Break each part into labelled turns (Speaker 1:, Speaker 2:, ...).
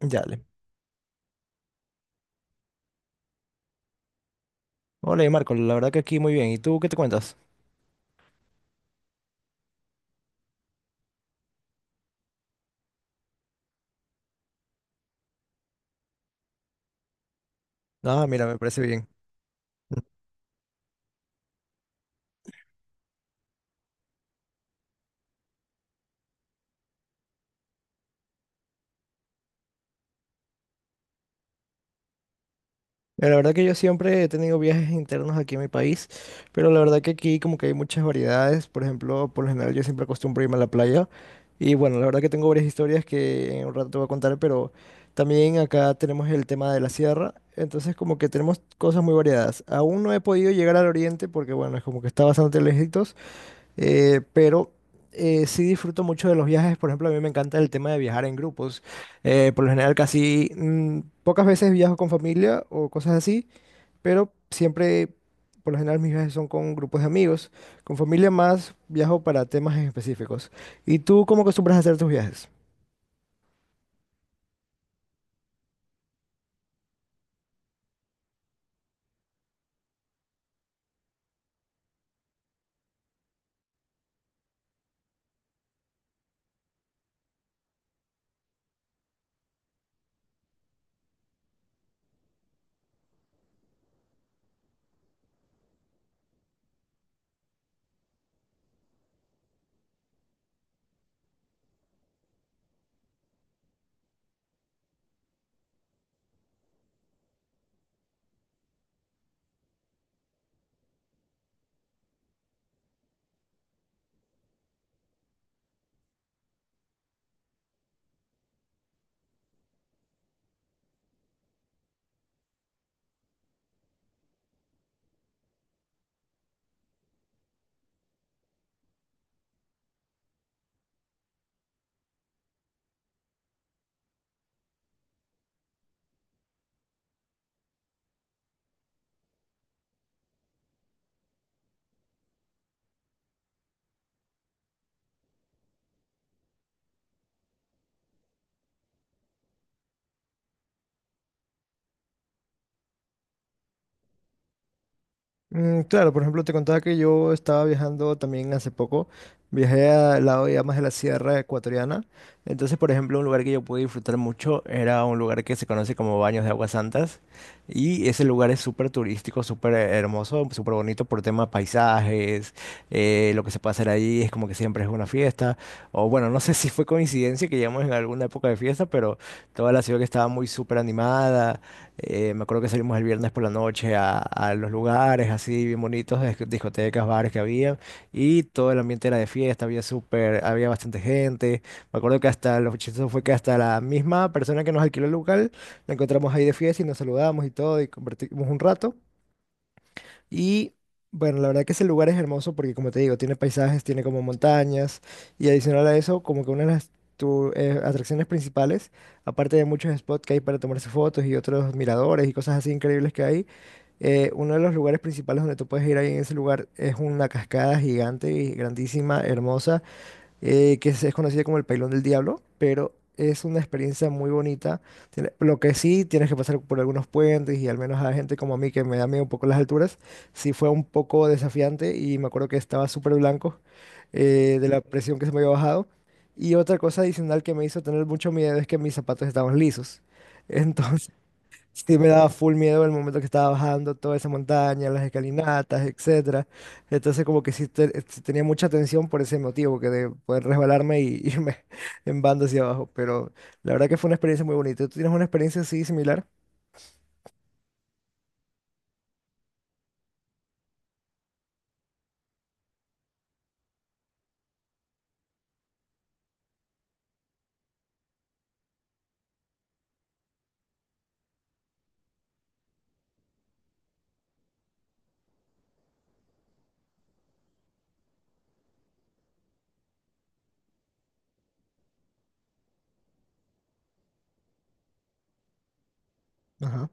Speaker 1: Ya, dale. Hola, y Marco, la verdad que aquí muy bien. ¿Y tú qué te cuentas? Ah, mira, me parece bien. Mira, la verdad que yo siempre he tenido viajes internos aquí en mi país, pero la verdad que aquí como que hay muchas variedades. Por ejemplo, por lo general yo siempre acostumbro irme a la playa. Y bueno, la verdad que tengo varias historias que en un rato te voy a contar, pero también acá tenemos el tema de la sierra. Entonces como que tenemos cosas muy variadas. Aún no he podido llegar al oriente porque bueno, es como que está bastante lejitos. Pero sí disfruto mucho de los viajes. Por ejemplo, a mí me encanta el tema de viajar en grupos. Por lo general, casi pocas veces viajo con familia o cosas así, pero siempre, por lo general, mis viajes son con grupos de amigos. Con familia más viajo para temas en específicos. ¿Y tú cómo acostumbras a hacer tus viajes? Mm, claro, por ejemplo, te contaba que yo estaba viajando también hace poco. Viajé al lado ya más de la sierra ecuatoriana. Entonces, por ejemplo, un lugar que yo pude disfrutar mucho era un lugar que se conoce como Baños de Aguas Santas. Y ese lugar es súper turístico, súper hermoso, súper bonito por temas paisajes. Lo que se puede hacer ahí es como que siempre es una fiesta. O bueno, no sé si fue coincidencia que llegamos en alguna época de fiesta, pero toda la ciudad que estaba muy súper animada. Me acuerdo que salimos el viernes por la noche a los lugares así bien bonitos, discotecas, bares que había, y todo el ambiente era de fiesta, había súper, había bastante gente. Me acuerdo que hasta lo chistoso fue que hasta la misma persona que nos alquiló el local la encontramos ahí de fiesta y nos saludamos y todo, y compartimos un rato. Y bueno, la verdad que ese lugar es hermoso porque, como te digo, tiene paisajes, tiene como montañas y adicional a eso, como que una de las atracciones principales, aparte de muchos spots que hay para tomarse fotos y otros miradores y cosas así increíbles que hay, uno de los lugares principales donde tú puedes ir ahí en ese lugar es una cascada gigante y grandísima, hermosa es conocida como el Pailón del Diablo, pero es una experiencia muy bonita. Lo que sí, tienes que pasar por algunos puentes y al menos a gente como a mí que me da miedo un poco las alturas, sí fue un poco desafiante y me acuerdo que estaba súper blanco de la presión que se me había bajado. Y otra cosa adicional que me hizo tener mucho miedo es que mis zapatos estaban lisos. Entonces. Sí, me daba full miedo el momento que estaba bajando toda esa montaña, las escalinatas, etcétera. Entonces como que sí, sí tenía mucha tensión por ese motivo, que de poder resbalarme y irme en banda hacia abajo. Pero la verdad que fue una experiencia muy bonita. ¿Tú tienes una experiencia así similar? Ajá.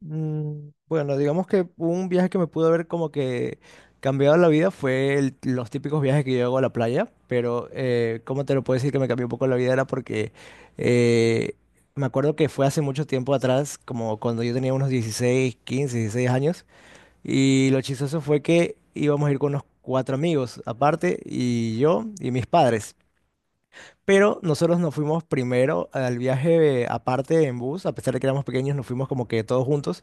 Speaker 1: Mm, bueno, digamos que un viaje que me pudo haber como que cambiado la vida fue los típicos viajes que yo hago a la playa, pero ¿cómo te lo puedo decir que me cambió un poco la vida? Era porque eh, me acuerdo que fue hace mucho tiempo atrás, como cuando yo tenía unos 16, 15, 16 años, y lo chistoso fue que íbamos a ir con unos cuatro amigos aparte, y yo y mis padres. Pero nosotros nos fuimos primero al viaje aparte en bus, a pesar de que éramos pequeños, nos fuimos como que todos juntos.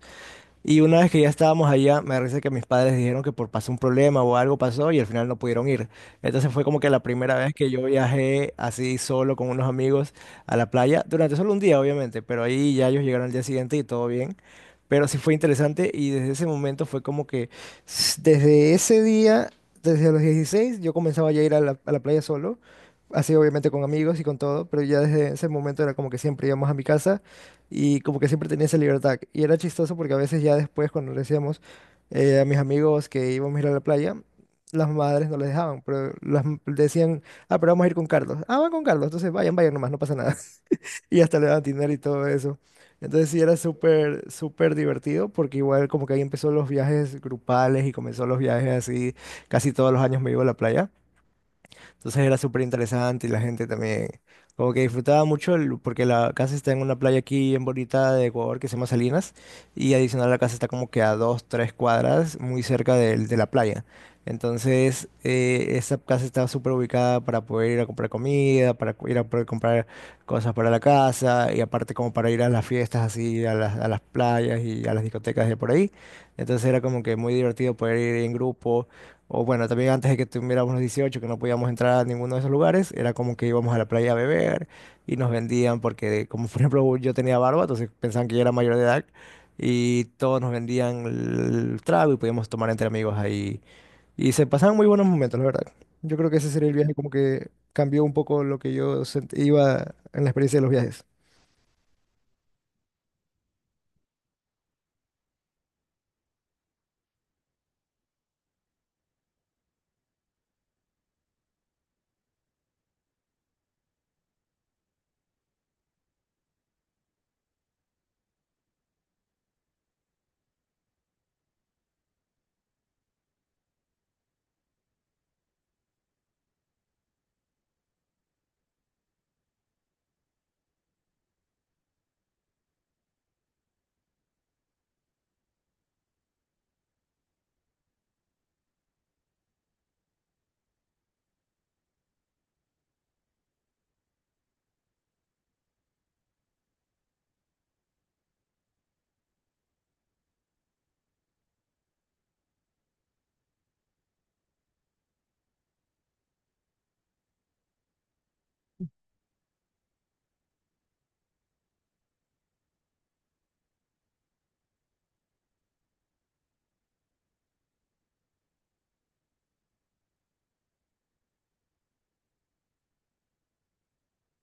Speaker 1: Y una vez que ya estábamos allá, me parece que mis padres dijeron que por pasó un problema o algo pasó y al final no pudieron ir. Entonces fue como que la primera vez que yo viajé así solo con unos amigos a la playa, durante solo un día obviamente, pero ahí ya ellos llegaron al día siguiente y todo bien. Pero sí fue interesante y desde ese momento fue como que desde ese día, desde los 16 yo comenzaba ya a ir a a la playa solo, así obviamente con amigos y con todo, pero ya desde ese momento era como que siempre íbamos a mi casa y como que siempre tenía esa libertad. Y era chistoso porque a veces ya después, cuando le decíamos a mis amigos que íbamos a ir a la playa, las madres no les dejaban, pero decían, ah, pero vamos a ir con Carlos. Ah, van con Carlos, entonces vayan, vayan nomás, no pasa nada. Y hasta le daban dinero y todo eso. Entonces sí era súper, súper divertido porque igual como que ahí empezó los viajes grupales y comenzó los viajes así, casi todos los años me iba a la playa. Entonces era súper interesante y la gente también como que disfrutaba mucho porque la casa está en una playa aquí en bonita de Ecuador que se llama Salinas y adicional la casa está como que a 2, 3 cuadras muy cerca de la playa. Entonces esa casa estaba súper ubicada para poder ir a comprar comida, para ir a poder comprar cosas para la casa y aparte como para ir a las fiestas así, a a las playas y a las discotecas de por ahí. Entonces era como que muy divertido poder ir en grupo o bueno, también antes de que tuviéramos los 18 que no podíamos entrar a ninguno de esos lugares, era como que íbamos a la playa a beber y nos vendían, porque como por ejemplo yo tenía barba, entonces pensaban que yo era mayor de edad y todos nos vendían el trago y podíamos tomar entre amigos ahí. Y se pasaban muy buenos momentos, la verdad. Yo creo que ese sería el viaje como que cambió un poco lo que yo iba en la experiencia de los viajes.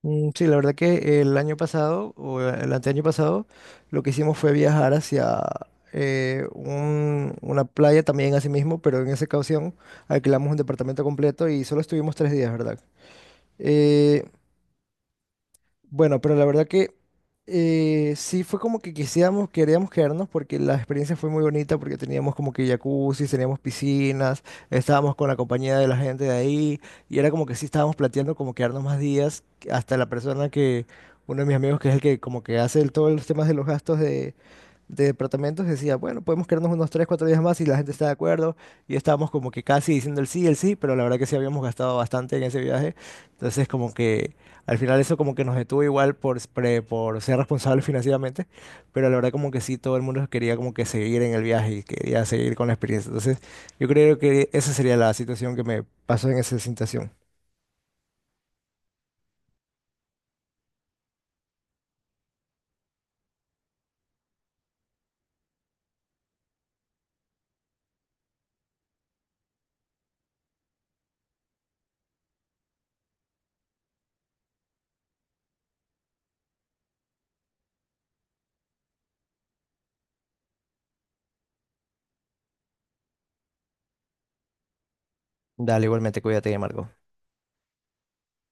Speaker 1: Mm, sí, la verdad que el año pasado o el anteaño pasado lo que hicimos fue viajar hacia una playa también así mismo, pero en esa ocasión alquilamos un departamento completo y solo estuvimos 3 días, ¿verdad? Eh, bueno, pero la verdad que sí fue como que quisiéramos, queríamos quedarnos porque la experiencia fue muy bonita, porque teníamos como que jacuzzi, teníamos piscinas, estábamos con la compañía de la gente de ahí, y era como que sí estábamos planteando como quedarnos más días, que hasta la persona uno de mis amigos que es el que como que hace todos los temas de los gastos de departamentos decía, bueno, podemos quedarnos unos 3 4 días más y la gente está de acuerdo. Y estábamos como que casi diciendo el sí, pero la verdad que sí habíamos gastado bastante en ese viaje. Entonces como que al final eso como que nos detuvo igual por, por ser responsables financieramente, pero la verdad como que sí, todo el mundo quería como que seguir en el viaje y quería seguir con la experiencia. Entonces yo creo que esa sería la situación que me pasó en esa situación. Dale, igualmente, cuídate, Marco.